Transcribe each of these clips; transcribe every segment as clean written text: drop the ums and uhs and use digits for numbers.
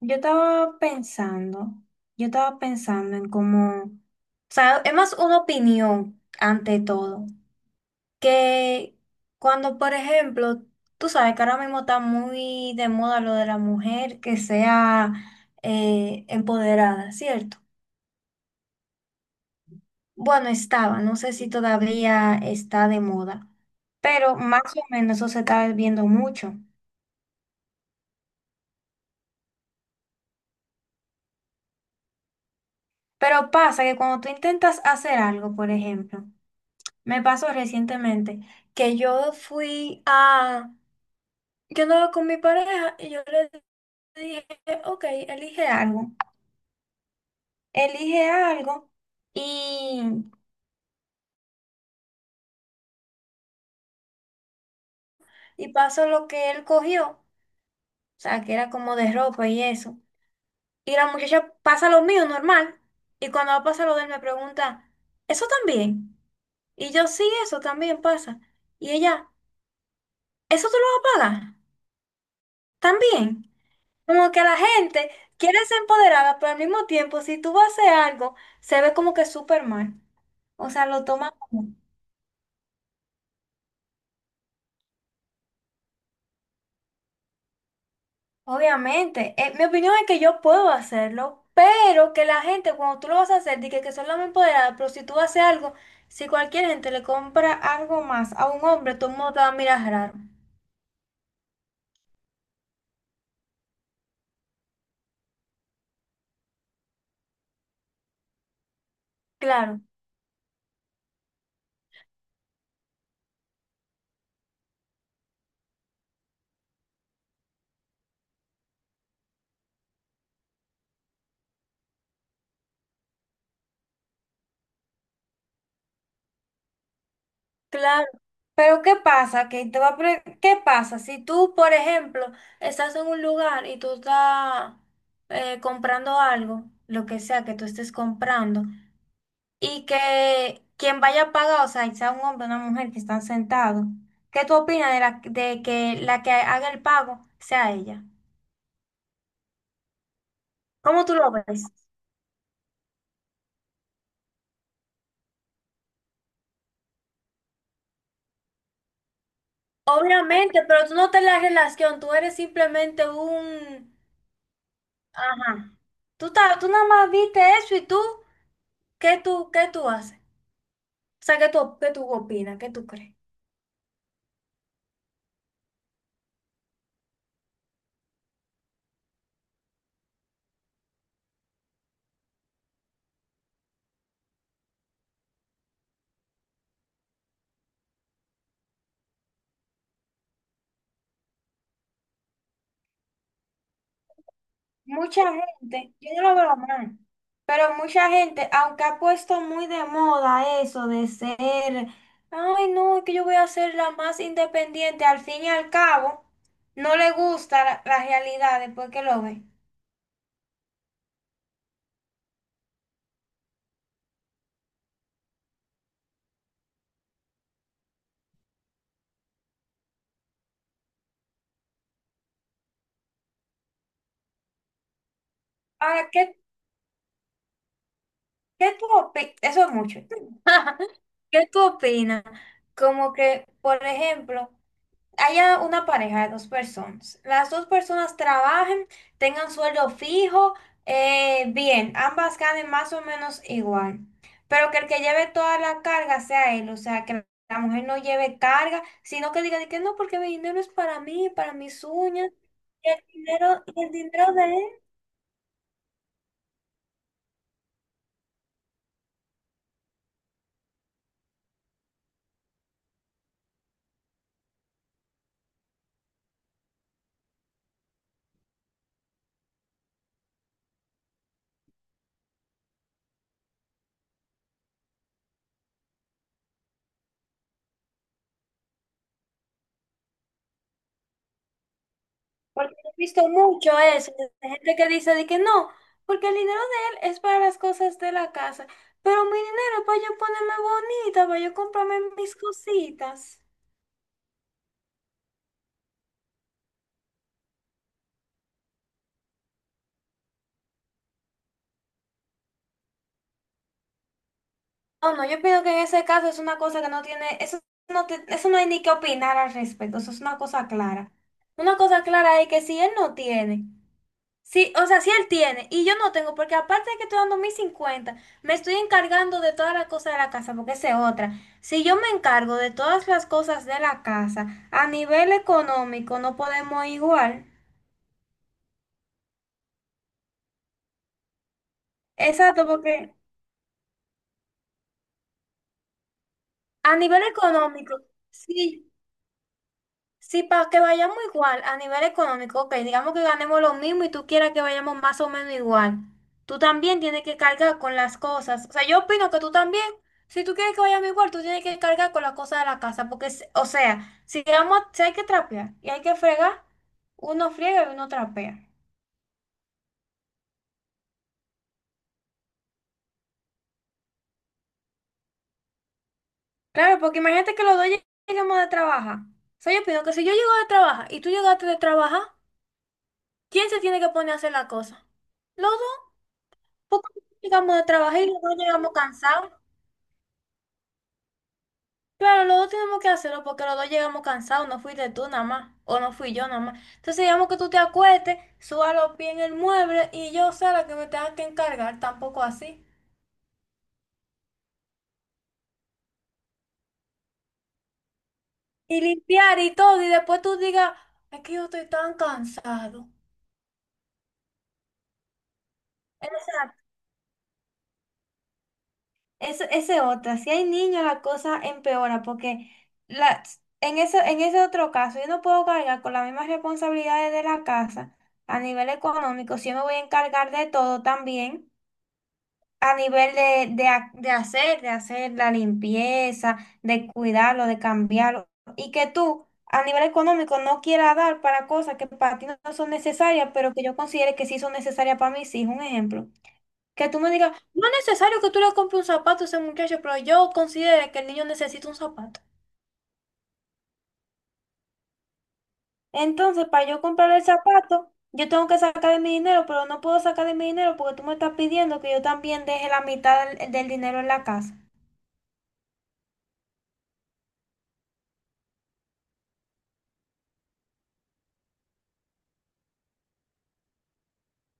Yo estaba pensando, yo estaba pensando en cómo, o sea, es más una opinión ante todo, que cuando, por ejemplo, tú sabes que ahora mismo está muy de moda lo de la mujer que sea empoderada, ¿cierto? Bueno, estaba, no sé si todavía está de moda, pero más o menos eso se está viendo mucho. Pero pasa que cuando tú intentas hacer algo, por ejemplo, me pasó recientemente que yo andaba con mi pareja y yo le dije, ok, elige algo y, y pasó lo que él cogió, o sea, que era como de ropa y eso. Y la muchacha pasa lo mío normal y cuando pasa lo de él me pregunta, ¿eso también? Y yo sí, eso también pasa. Y ella, ¿eso tú lo vas a pagar? También. Como que la gente quiere ser empoderada, pero al mismo tiempo, si tú vas a hacer algo, se ve como que súper mal. O sea, lo toma como. Obviamente, mi opinión es que yo puedo hacerlo, pero que la gente, cuando tú lo vas a hacer, dice que son las más empoderadas, pero si tú haces algo, si cualquier gente le compra algo más a un hombre, todo el mundo te va a mirar raro. Claro. Claro, pero ¿qué pasa? Que te va a pre- ¿Qué pasa si tú, por ejemplo, estás en un lugar y tú estás comprando algo, lo que sea que tú estés comprando, y que quien vaya a pagar, o sea, sea un hombre o una mujer que están sentados, ¿qué tú opinas de que la que haga el pago sea ella? ¿Cómo tú lo ves? Obviamente, pero tú no te la relación, tú eres simplemente un, ajá. Tú, tú nada más viste eso y tú, ¿qué tú haces? O sea, ¿qué tú opinas? ¿Qué tú crees? Mucha gente, yo no lo veo mal, pero mucha gente, aunque ha puesto muy de moda eso de ser, ay no, es que yo voy a ser la más independiente, al fin y al cabo, no le gusta la realidad después que lo ve. Ahora, ¿qué tú opinas? Eso es mucho. ¿Qué tú opinas? Como que, por ejemplo, haya una pareja de dos personas. Las dos personas trabajen, tengan sueldo fijo, bien, ambas ganen más o menos igual. Pero que el que lleve toda la carga sea él, o sea, que la mujer no lleve carga, sino que diga de que no, porque mi dinero es para mí, para mis uñas, y el dinero de él. Porque he visto mucho eso, de gente que dice de que no, porque el dinero de él es para las cosas de la casa, pero mi dinero es para yo ponerme bonita, para yo comprarme mis cositas. Oh, no, yo pienso que en ese caso es una cosa que no tiene, eso no, eso no hay ni que opinar al respecto, eso es una cosa clara. Una cosa clara es que si él no tiene. Sí, o sea, sí él tiene, y yo no tengo, porque aparte de que estoy dando mis 50, me estoy encargando de todas las cosas de la casa, porque esa es otra. Si yo me encargo de todas las cosas de la casa, a nivel económico no podemos igual. Exacto, porque a nivel económico, sí. Sí, para que vayamos igual a nivel económico, ok, digamos que ganemos lo mismo y tú quieras que vayamos más o menos igual. Tú también tienes que cargar con las cosas. O sea, yo opino que tú también, si tú quieres que vayamos igual, tú tienes que cargar con las cosas de la casa, porque, o sea, si, vamos, si hay que trapear y hay que fregar, uno friega y uno trapea. Claro, porque imagínate que los dos lleguemos de trabajar. O sea, yo opino que si yo llego de trabajar y tú llegaste de trabajar, ¿quién se tiene que poner a hacer la cosa? Los dos. Porque llegamos de trabajar y los dos llegamos cansados. Claro, los dos tenemos que hacerlo porque los dos llegamos cansados. No fuiste tú nada más, o no fui yo nada más. Entonces, digamos que tú te acuestes, suba los pies en el mueble y yo sea la que me tenga que encargar, tampoco así. Y limpiar y todo, y después tú digas, es que yo estoy tan cansado. Exacto. Eso, ese otra, si hay niños la cosa empeora porque la, en ese otro caso yo no puedo cargar con las mismas responsabilidades de la casa a nivel económico, si yo me voy a encargar de todo también a nivel de hacer la limpieza, de cuidarlo, de cambiarlo y que tú a nivel económico no quieras dar para cosas que para ti no son necesarias, pero que yo considere que sí son necesarias para mis hijos, un ejemplo. Que tú me digas, no es necesario que tú le compres un zapato a ese muchacho, pero yo considero que el niño necesita un zapato. Entonces, para yo comprar el zapato, yo tengo que sacar de mi dinero, pero no puedo sacar de mi dinero porque tú me estás pidiendo que yo también deje la mitad del dinero en la casa.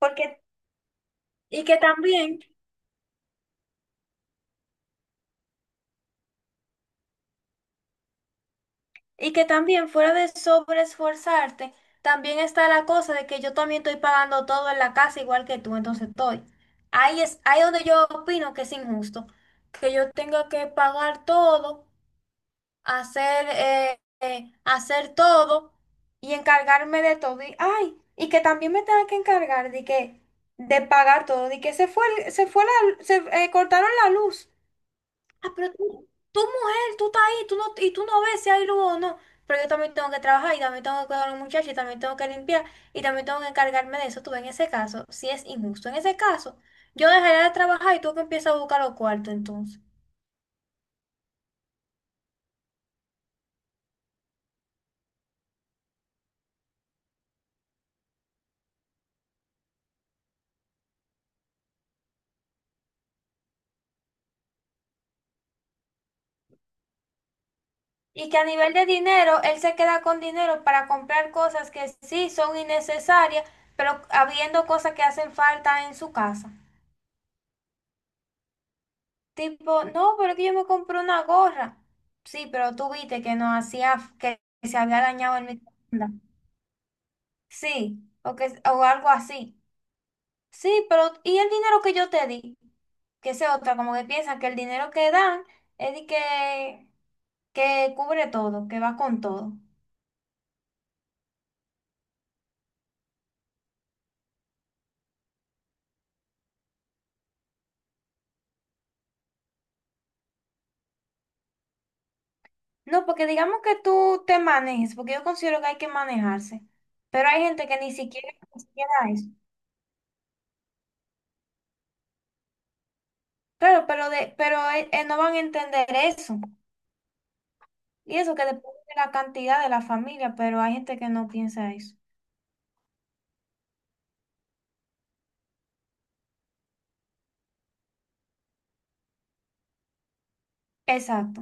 Porque, y que también, y que también fuera de sobreesforzarte, también está la cosa de que yo también estoy pagando todo en la casa igual que tú, entonces estoy. Ahí es, ahí donde yo opino que es injusto, que yo tenga que pagar todo, hacer todo y encargarme de todo. Ay, y que también me tenga que encargar de pagar todo, de que se fue, el- se fue la, se cortaron la luz. Ah, pero tú, mujer, tú estás ahí, tú no, y tú no ves si hay luz o no. Pero yo también tengo que trabajar y también tengo que cuidar a los muchachos y también tengo que limpiar y también tengo que encargarme de eso. Tú ves, en ese caso, si es injusto. En ese caso, yo dejaría de trabajar y tú que empiezas a buscar los cuartos entonces. Y que a nivel de dinero, él se queda con dinero para comprar cosas que sí son innecesarias, pero habiendo cosas que hacen falta en su casa. Tipo, no, pero es que yo me compré una gorra. Sí, pero tú viste que no hacía, que se había dañado el microondas. Sí, o, que, o algo así. Sí, pero ¿y el dinero que yo te di? Que sea otra, como que piensan que el dinero que dan es que cubre todo, que va con todo. No, porque digamos que tú te manejes, porque yo considero que hay que manejarse, pero hay gente que ni siquiera considera eso. Claro, pero no van a entender eso. Y eso que depende de la cantidad de la familia, pero hay gente que no piensa eso. Exacto.